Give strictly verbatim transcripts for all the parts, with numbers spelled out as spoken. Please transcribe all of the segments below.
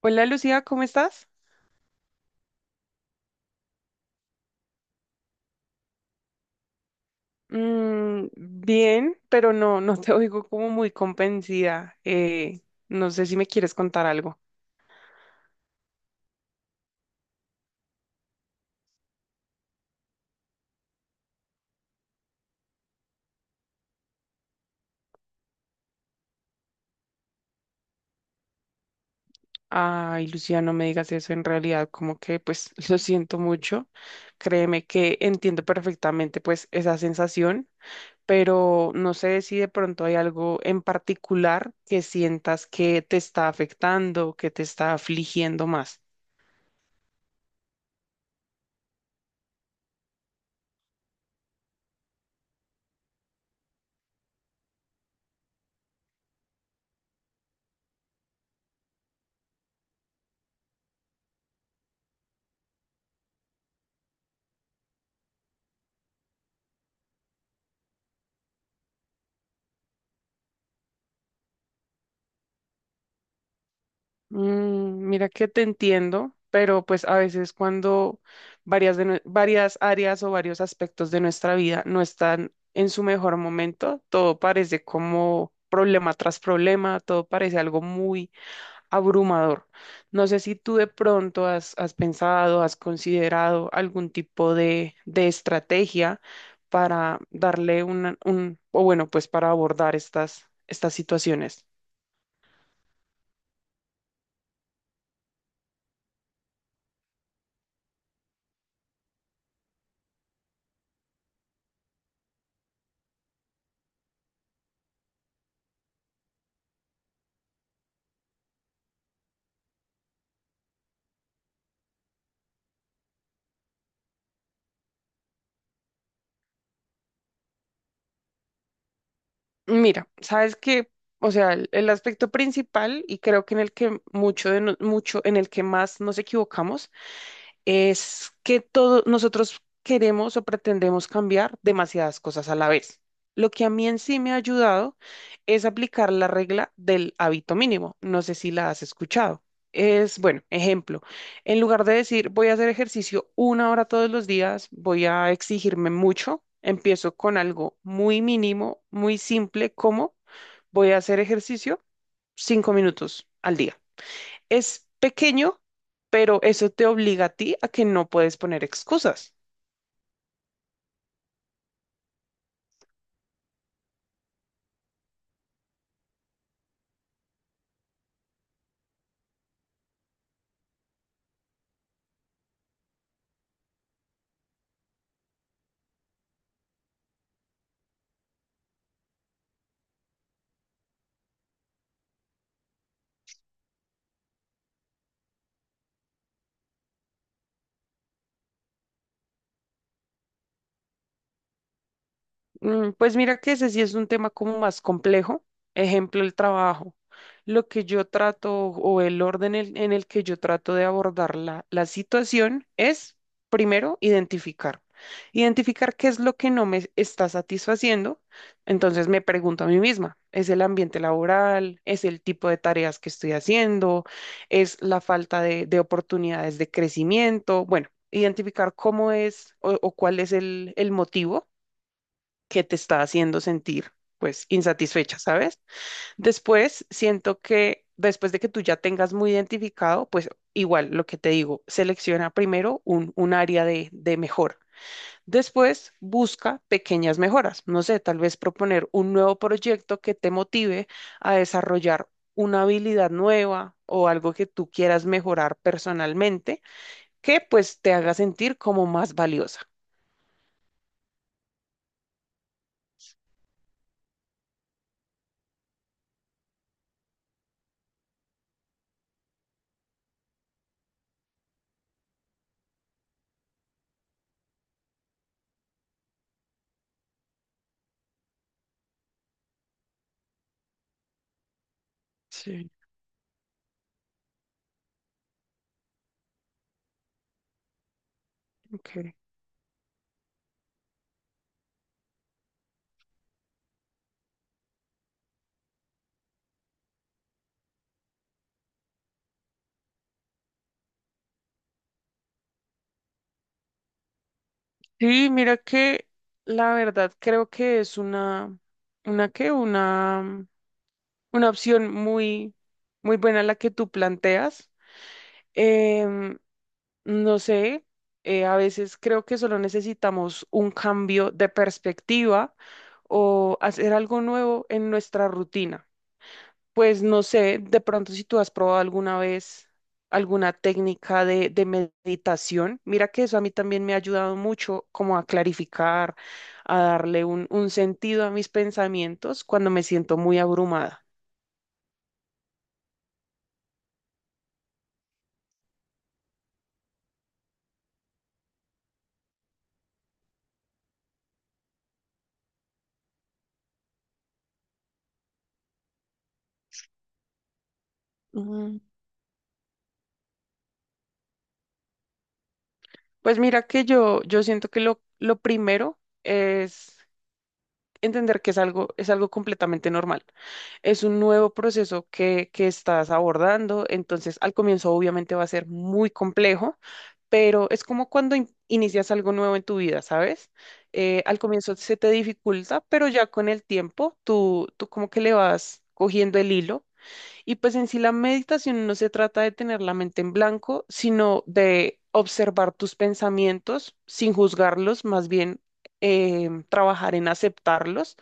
Hola Lucía, ¿cómo estás? Mm, bien, pero no, no te oigo como muy convencida. Eh, no sé si me quieres contar algo. Ay, Lucía, no me digas eso. En realidad, como que pues lo siento mucho. Créeme que entiendo perfectamente pues esa sensación, pero no sé si de pronto hay algo en particular que sientas que te está afectando, que te está afligiendo más. Mm, mira que te entiendo, pero pues a veces cuando varias, de nue- varias áreas o varios aspectos de nuestra vida no están en su mejor momento, todo parece como problema tras problema, todo parece algo muy abrumador. No sé si tú de pronto has, has pensado, has considerado algún tipo de, de estrategia para darle una- un, o bueno, pues para abordar estas, estas situaciones. Mira, sabes que, o sea, el, el aspecto principal y creo que en el que mucho de no- mucho en el que más nos equivocamos es que todos nosotros queremos o pretendemos cambiar demasiadas cosas a la vez. Lo que a mí en sí me ha ayudado es aplicar la regla del hábito mínimo. No sé si la has escuchado. Es, bueno, ejemplo, en lugar de decir voy a hacer ejercicio una hora todos los días, voy a exigirme mucho, empiezo con algo muy mínimo, muy simple, como voy a hacer ejercicio cinco minutos al día. Es pequeño, pero eso te obliga a ti a que no puedes poner excusas. Mm, Pues mira que ese sí es un tema como más complejo. Ejemplo, el trabajo. Lo que yo trato o el orden el- en el que yo trato de abordar la, la situación es, primero, identificar. Identificar qué es lo que no me está satisfaciendo. Entonces me pregunto a mí misma, ¿es el ambiente laboral? ¿Es el tipo de tareas que estoy haciendo? ¿Es la falta de, de oportunidades de crecimiento? Bueno, identificar cómo es o, o cuál es el el motivo que te está haciendo sentir pues insatisfecha, ¿sabes? Después siento que después de que tú ya tengas muy identificado, pues igual lo que te digo, selecciona primero un, un área de, de mejora. Después busca pequeñas mejoras. No sé, tal vez proponer un nuevo proyecto que te motive a desarrollar una habilidad nueva o algo que tú quieras mejorar personalmente, que pues te haga sentir como más valiosa. Sí, ok. Sí, mira que la verdad creo que es una, una que, una, una opción muy, muy buena la que tú planteas. Em, no sé, eh, a veces creo que solo necesitamos un cambio de perspectiva o hacer algo nuevo en nuestra rutina. Pues no sé, de pronto si tú has probado alguna vez alguna técnica de, de meditación, mira que eso a mí también me ha ayudado mucho como a clarificar, a darle un, un sentido a mis pensamientos cuando me siento muy abrumada. Mm, Pues mira que yo, yo siento que lo, lo primero es entender que es algo, es algo completamente normal. Es un nuevo proceso que, que estás abordando, entonces al comienzo obviamente va a ser muy complejo, pero es como cuando in- inicias algo nuevo en tu vida, ¿sabes? Eh, al comienzo se te dificulta, pero ya con el tiempo tú, tú como que le vas cogiendo el hilo. Y pues en sí la meditación no se trata de tener la mente en blanco, sino de observar tus pensamientos sin juzgarlos, más bien em, trabajar en aceptarlos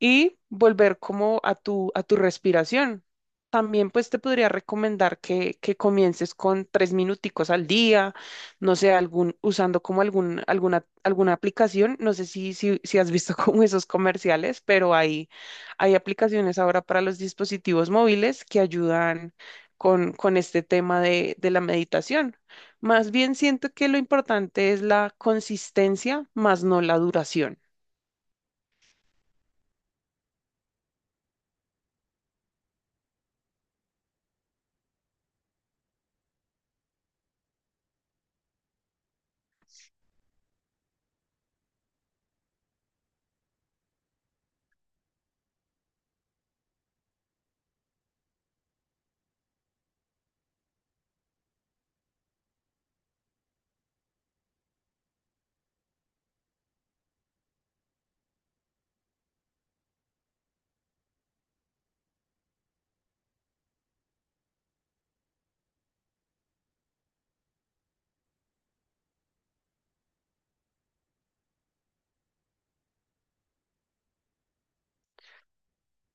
y volver como a tu, a tu respiración. También pues te podría recomendar que, que comiences con tres minuticos al día, no sé, algún, usando como algún, alguna, alguna aplicación, no sé si, si, si has visto como esos comerciales, pero hay, hay aplicaciones ahora para los dispositivos móviles que ayudan con, con este tema de, de la meditación. Más bien siento que lo importante es la consistencia, más no la duración.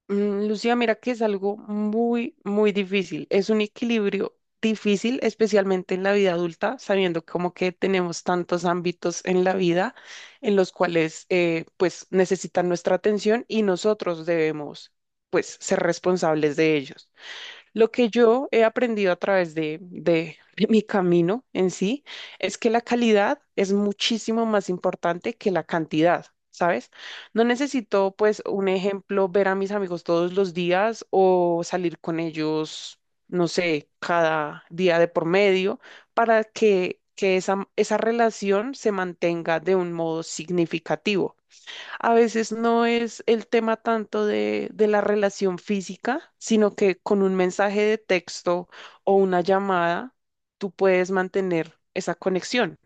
Mm, Lucía, mira que es algo muy, muy difícil. Es un equilibrio difícil, especialmente en la vida adulta, sabiendo como que tenemos tantos ámbitos en la vida en los cuales eh, pues necesitan nuestra atención y nosotros debemos pues ser responsables de ellos. Lo que yo he aprendido a través de, de- de mi camino en sí es que la calidad es muchísimo más importante que la cantidad, ¿sabes? No necesito, pues, un ejemplo, ver a mis amigos todos los días o salir con ellos, no sé, cada día de por medio para que, que esa, esa relación se mantenga de un modo significativo. A veces no es el tema tanto de, de la relación física, sino que con un mensaje de texto o una llamada, tú puedes mantener esa conexión.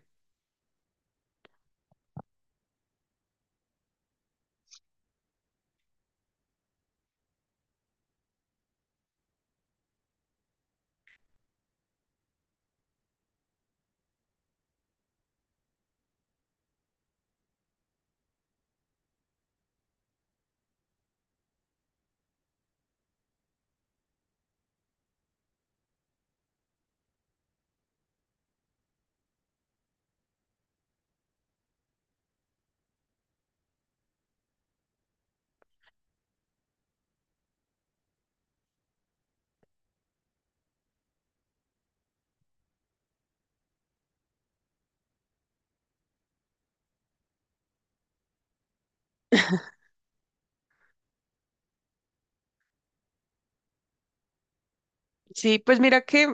Sí, pues mira que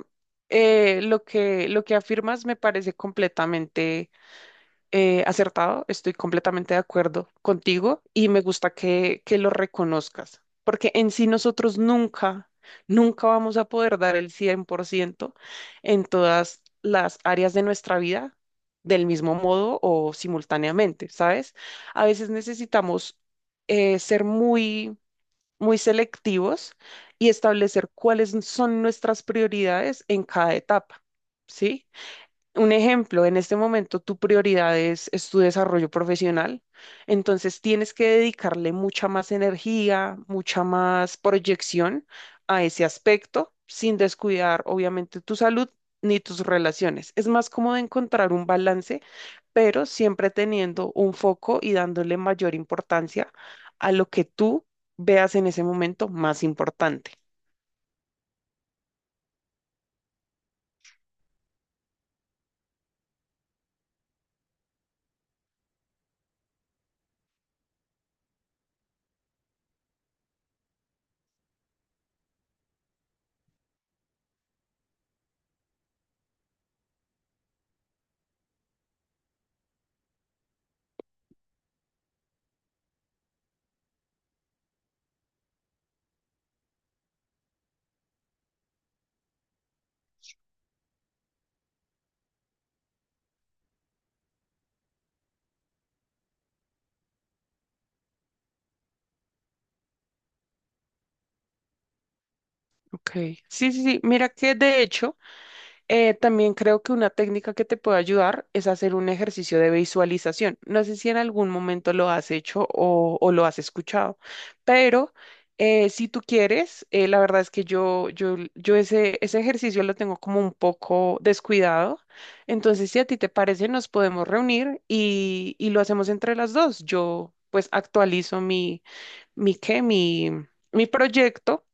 eh, lo que, lo que afirmas me parece completamente eh, acertado, estoy completamente de acuerdo contigo y me gusta que, que lo reconozcas, porque en sí nosotros nunca, nunca vamos a poder dar el cien por ciento en todas las áreas de nuestra vida del mismo modo o simultáneamente, ¿sabes? A veces necesitamos eh, ser muy, muy selectivos y establecer cuáles son nuestras prioridades en cada etapa, ¿sí? Un ejemplo, en este momento tu prioridad es, es tu desarrollo profesional, entonces tienes que dedicarle mucha más energía, mucha más proyección a ese aspecto, sin descuidar obviamente tu salud ni tus relaciones. Es más cómodo encontrar un balance, pero siempre teniendo un foco y dándole mayor importancia a lo que tú veas en ese momento más importante. Ok. Sí, sí, sí. Mira que de hecho... Eh, también creo que una técnica que te puede ayudar es hacer un ejercicio de visualización. No sé si en algún momento lo has hecho o, o lo has escuchado, pero eh, si tú quieres, eh, la verdad es que yo, yo, yo ese, ese ejercicio lo tengo como un poco descuidado. Entonces, si a ti te parece, nos podemos reunir y, y lo hacemos entre las dos. Yo pues actualizo mi, mi, ¿qué? Mi, mi proyecto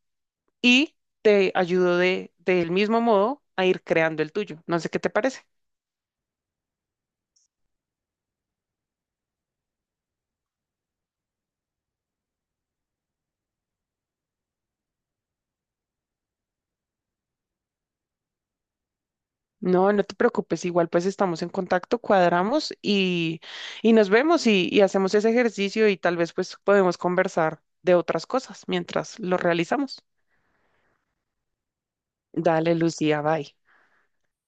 y te ayudo de, del mismo modo a ir creando el tuyo. No sé qué te parece. No, no te preocupes, igual pues estamos en contacto, cuadramos y, y nos vemos y, y hacemos ese ejercicio y tal vez pues podemos conversar de otras cosas mientras lo realizamos. Dale, Lucía, bye.